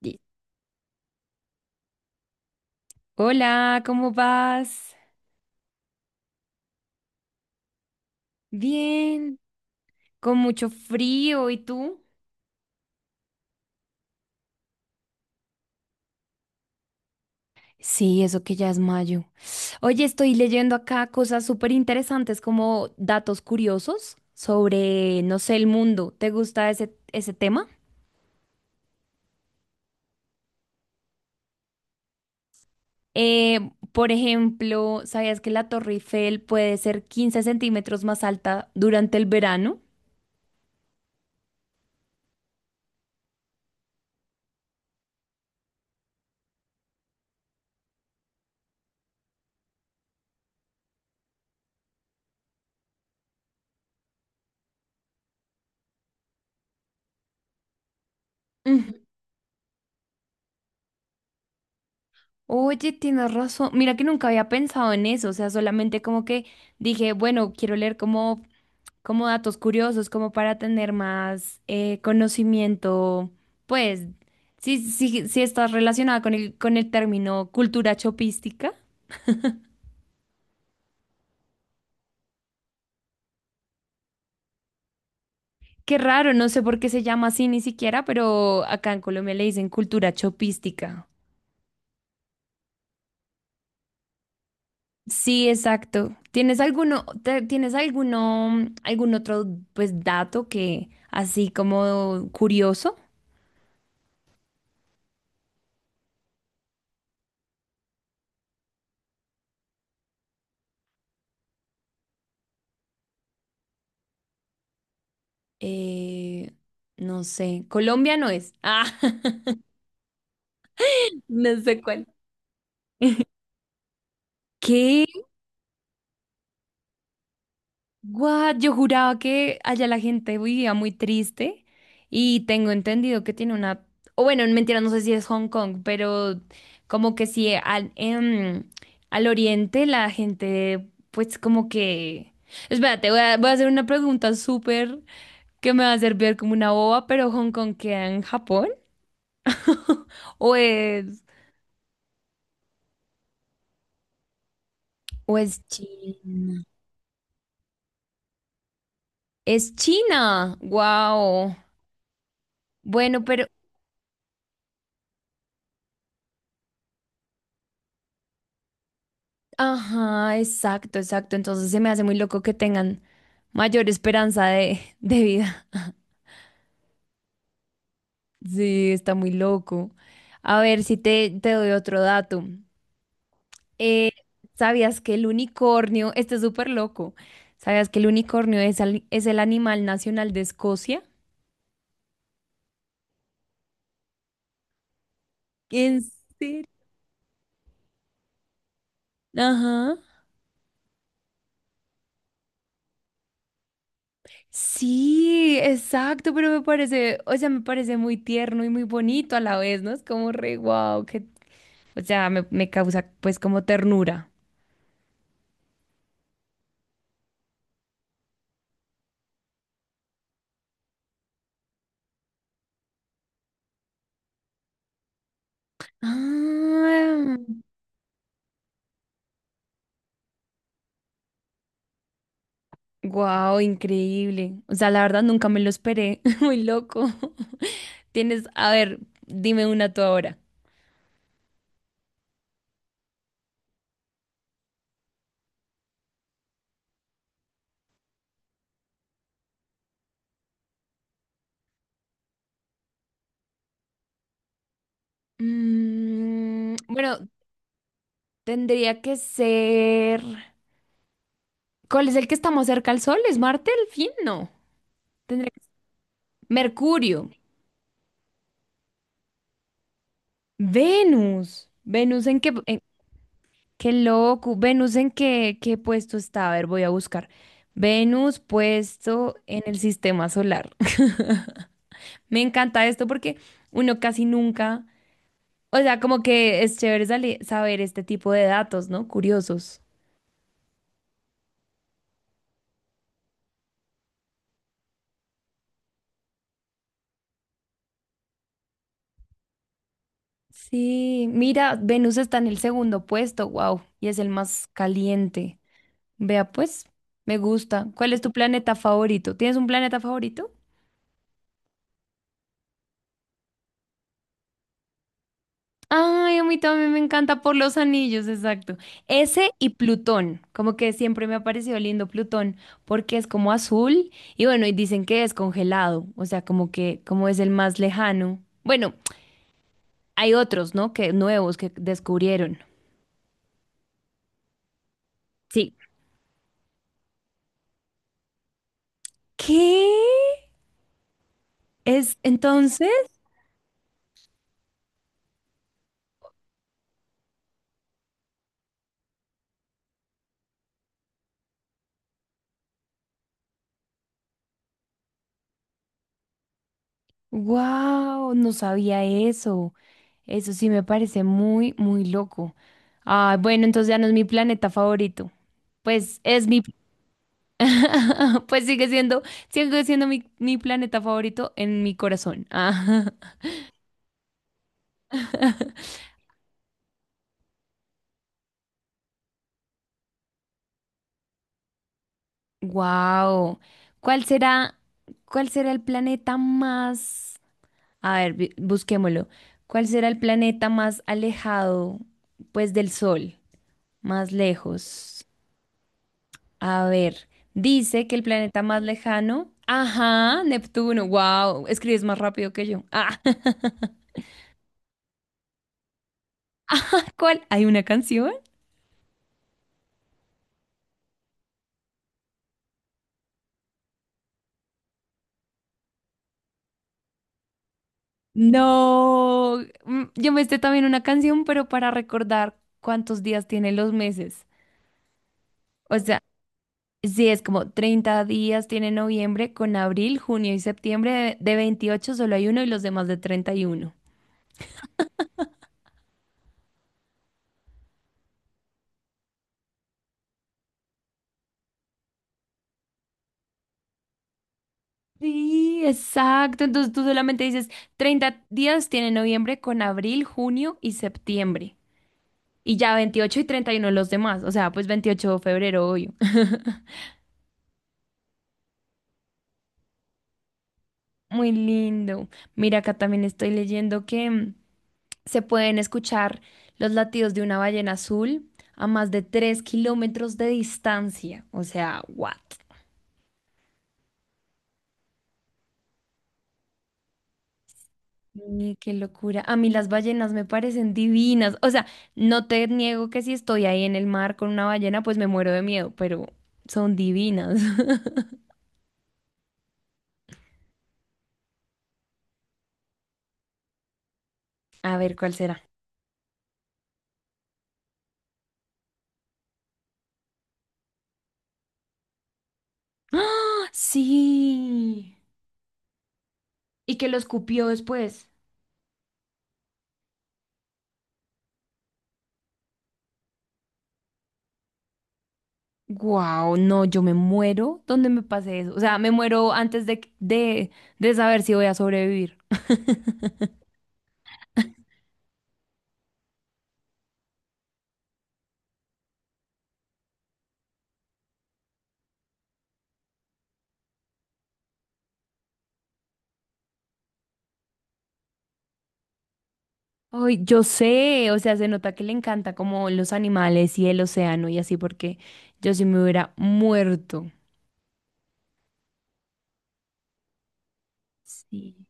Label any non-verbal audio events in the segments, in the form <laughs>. Di- Hola, ¿cómo vas? Bien, con mucho frío, ¿y tú? Sí, eso que ya es mayo. Oye, estoy leyendo acá cosas súper interesantes como datos curiosos sobre, no sé, el mundo. ¿Te gusta ese tema? Eh, por ejemplo, ¿sabías que la Torre Eiffel puede ser 15 centímetros más alta durante el verano? Mm. Oye, tienes razón. Mira que nunca había pensado en eso. O sea, solamente como que dije, bueno, quiero leer como datos curiosos, como para tener más conocimiento, pues, si estás relacionada con el término cultura chopística. Qué raro, no sé por qué se llama así ni siquiera, pero acá en Colombia le dicen cultura chopística. Sí, exacto. ¿Tienes alguno, tienes alguno, algún otro, pues, dato que así como curioso? Eh, no sé. Colombia no es. Ah, <laughs> no sé cuál. <laughs> ¿Qué? What? Yo juraba que allá la gente vivía muy triste y tengo entendido que tiene una. O bueno, mentira, no sé si es Hong Kong, pero como que sí, al oriente la gente pues como que. Espérate, voy a hacer una pregunta súper que me va a hacer ver como una boba, pero ¿Hong Kong queda en Japón? <laughs> ¿O es, o es China? Es China, wow. Bueno, pero. Ajá, exacto, exacto. Entonces se me hace muy loco que tengan mayor esperanza de, <laughs> de vida. Sí, está muy loco. A ver si te doy otro dato. Eh, ¿Sabías que el unicornio, este es súper loco, ¿sabías que el unicornio es, es el animal nacional de Escocia? ¿En serio? Ajá. Sí, exacto, pero me parece, o sea, me parece muy tierno y muy bonito a la vez, ¿no? Es como re guau, que, o sea, me causa pues como ternura. Ah, wow, increíble. O sea, la verdad nunca me lo esperé. <laughs> Muy loco. <laughs> Tienes, a ver, dime una tú ahora. Bueno, tendría que ser. ¿Cuál es el que está más cerca al Sol? ¿Es Marte el fin? No. Tendría que- Mercurio. Venus. Venus en qué. Qué loco. Venus en qué, qué puesto está. A ver, voy a buscar. Venus puesto en el sistema solar. Me encanta esto porque uno casi nunca, o sea, como que es chévere saber este tipo de datos, ¿no? Curiosos. Sí, mira, Venus está en el segundo puesto, wow, y es el más caliente. Vea, pues, me gusta. ¿Cuál es tu planeta favorito? ¿Tienes un planeta favorito? Ay, a mí también me encanta por los anillos, exacto. Ese y Plutón, como que siempre me ha parecido lindo Plutón, porque es como azul y bueno, y dicen que es congelado, o sea, como que como es el más lejano. Bueno, hay otros, ¿no? Que nuevos que descubrieron. Sí. ¿Qué? Es entonces, wow, no sabía eso. Eso sí me parece muy, muy loco. Ah, bueno, entonces ya no es mi planeta favorito. Pues es mi. <laughs> Pues sigue siendo mi planeta favorito en mi corazón. Ah. <laughs> Wow. ¿Cuál será, cuál será el planeta más? A ver, busquémoslo. ¿Cuál será el planeta más alejado, pues, del Sol? Más lejos. A ver, dice que el planeta más lejano. Ajá, Neptuno. Wow. Escribes más rápido que yo. Ah. <laughs> ¿Cuál? ¿Hay una canción? No, yo me esté también una canción, pero para recordar cuántos días tienen los meses. O sea, sí, es como 30 días tiene noviembre con abril, junio y septiembre. De 28 solo hay uno y los demás de 31. Sí, exacto. Entonces tú solamente dices 30 días tiene noviembre con abril, junio y septiembre. Y ya 28 y 31 los demás. O sea, pues 28 de febrero, obvio. <laughs> Muy lindo. Mira, acá también estoy leyendo que se pueden escuchar los latidos de una ballena azul a más de 3 kilómetros de distancia. O sea, what? Qué locura. A mí las ballenas me parecen divinas. O sea, no te niego que si estoy ahí en el mar con una ballena, pues me muero de miedo, pero son divinas. <laughs> A ver, ¿cuál será? ¡Ah! Sí. Y que lo escupió después. Wow, no, yo me muero donde me pase eso. O sea, me muero antes de, saber si voy a sobrevivir. Ay, yo sé, o sea, se nota que le encanta como los animales y el océano y así, porque yo sí me hubiera muerto. Sí.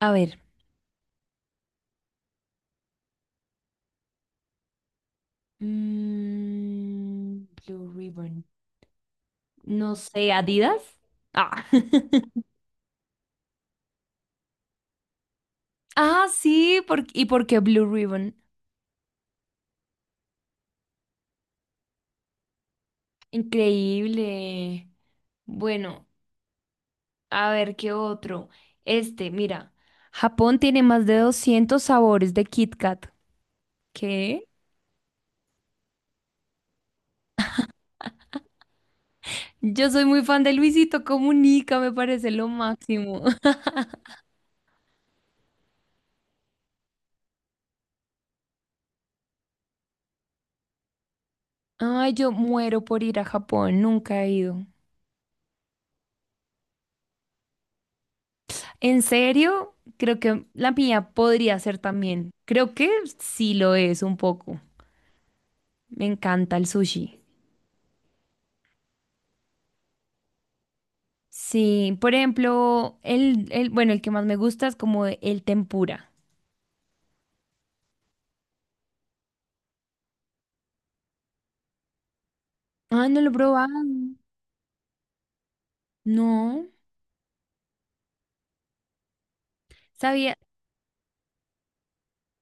A ver, Blue Ribbon, no sé, Adidas. Ah, <laughs> ah, sí, ¿y por qué Blue Ribbon? Increíble. Bueno, a ver qué otro. Este, mira, Japón tiene más de 200 sabores de Kit Kat. ¿Qué? Yo soy muy fan de Luisito Comunica, me parece lo máximo. <laughs> Ay, yo muero por ir a Japón, nunca he ido. En serio, creo que la mía podría ser también. Creo que sí lo es un poco. Me encanta el sushi. Sí, por ejemplo, bueno, el que más me gusta es como el tempura. Ah, no lo he probado. No. Sabía.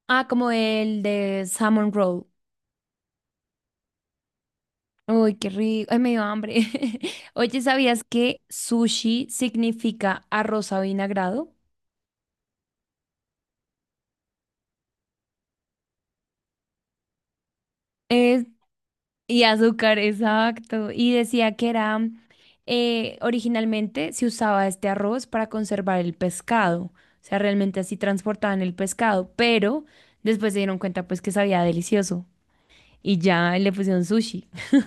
Ah, como el de salmon roll. Uy, qué rico. Ay, me dio hambre. <laughs> Oye, ¿sabías que sushi significa arroz avinagrado? Es, y azúcar, exacto. Y decía que era, originalmente se usaba este arroz para conservar el pescado. O sea, realmente así transportaban el pescado, pero después se dieron cuenta pues que sabía delicioso y ya le pusieron sushi. <laughs>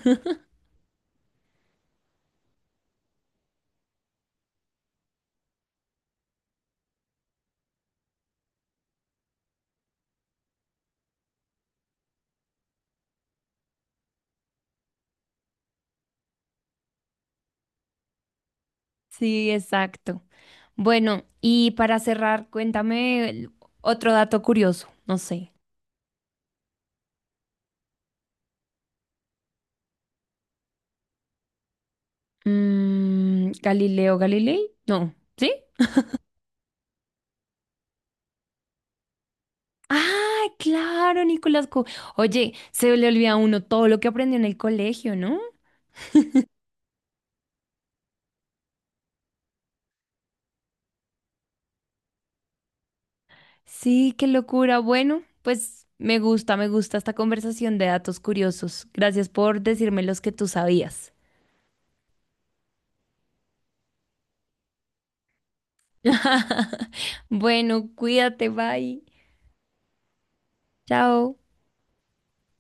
Sí, exacto. Bueno, y para cerrar, cuéntame otro dato curioso, no sé. Galileo Galilei, no, ¿sí? Ah, claro, Nicolás. Oye, se le olvida a uno todo lo que aprendió en el colegio, ¿no? Sí, qué locura. Bueno, pues me gusta esta conversación de datos curiosos. Gracias por decirme los que tú sabías. <laughs> Bueno, cuídate, bye. Chao.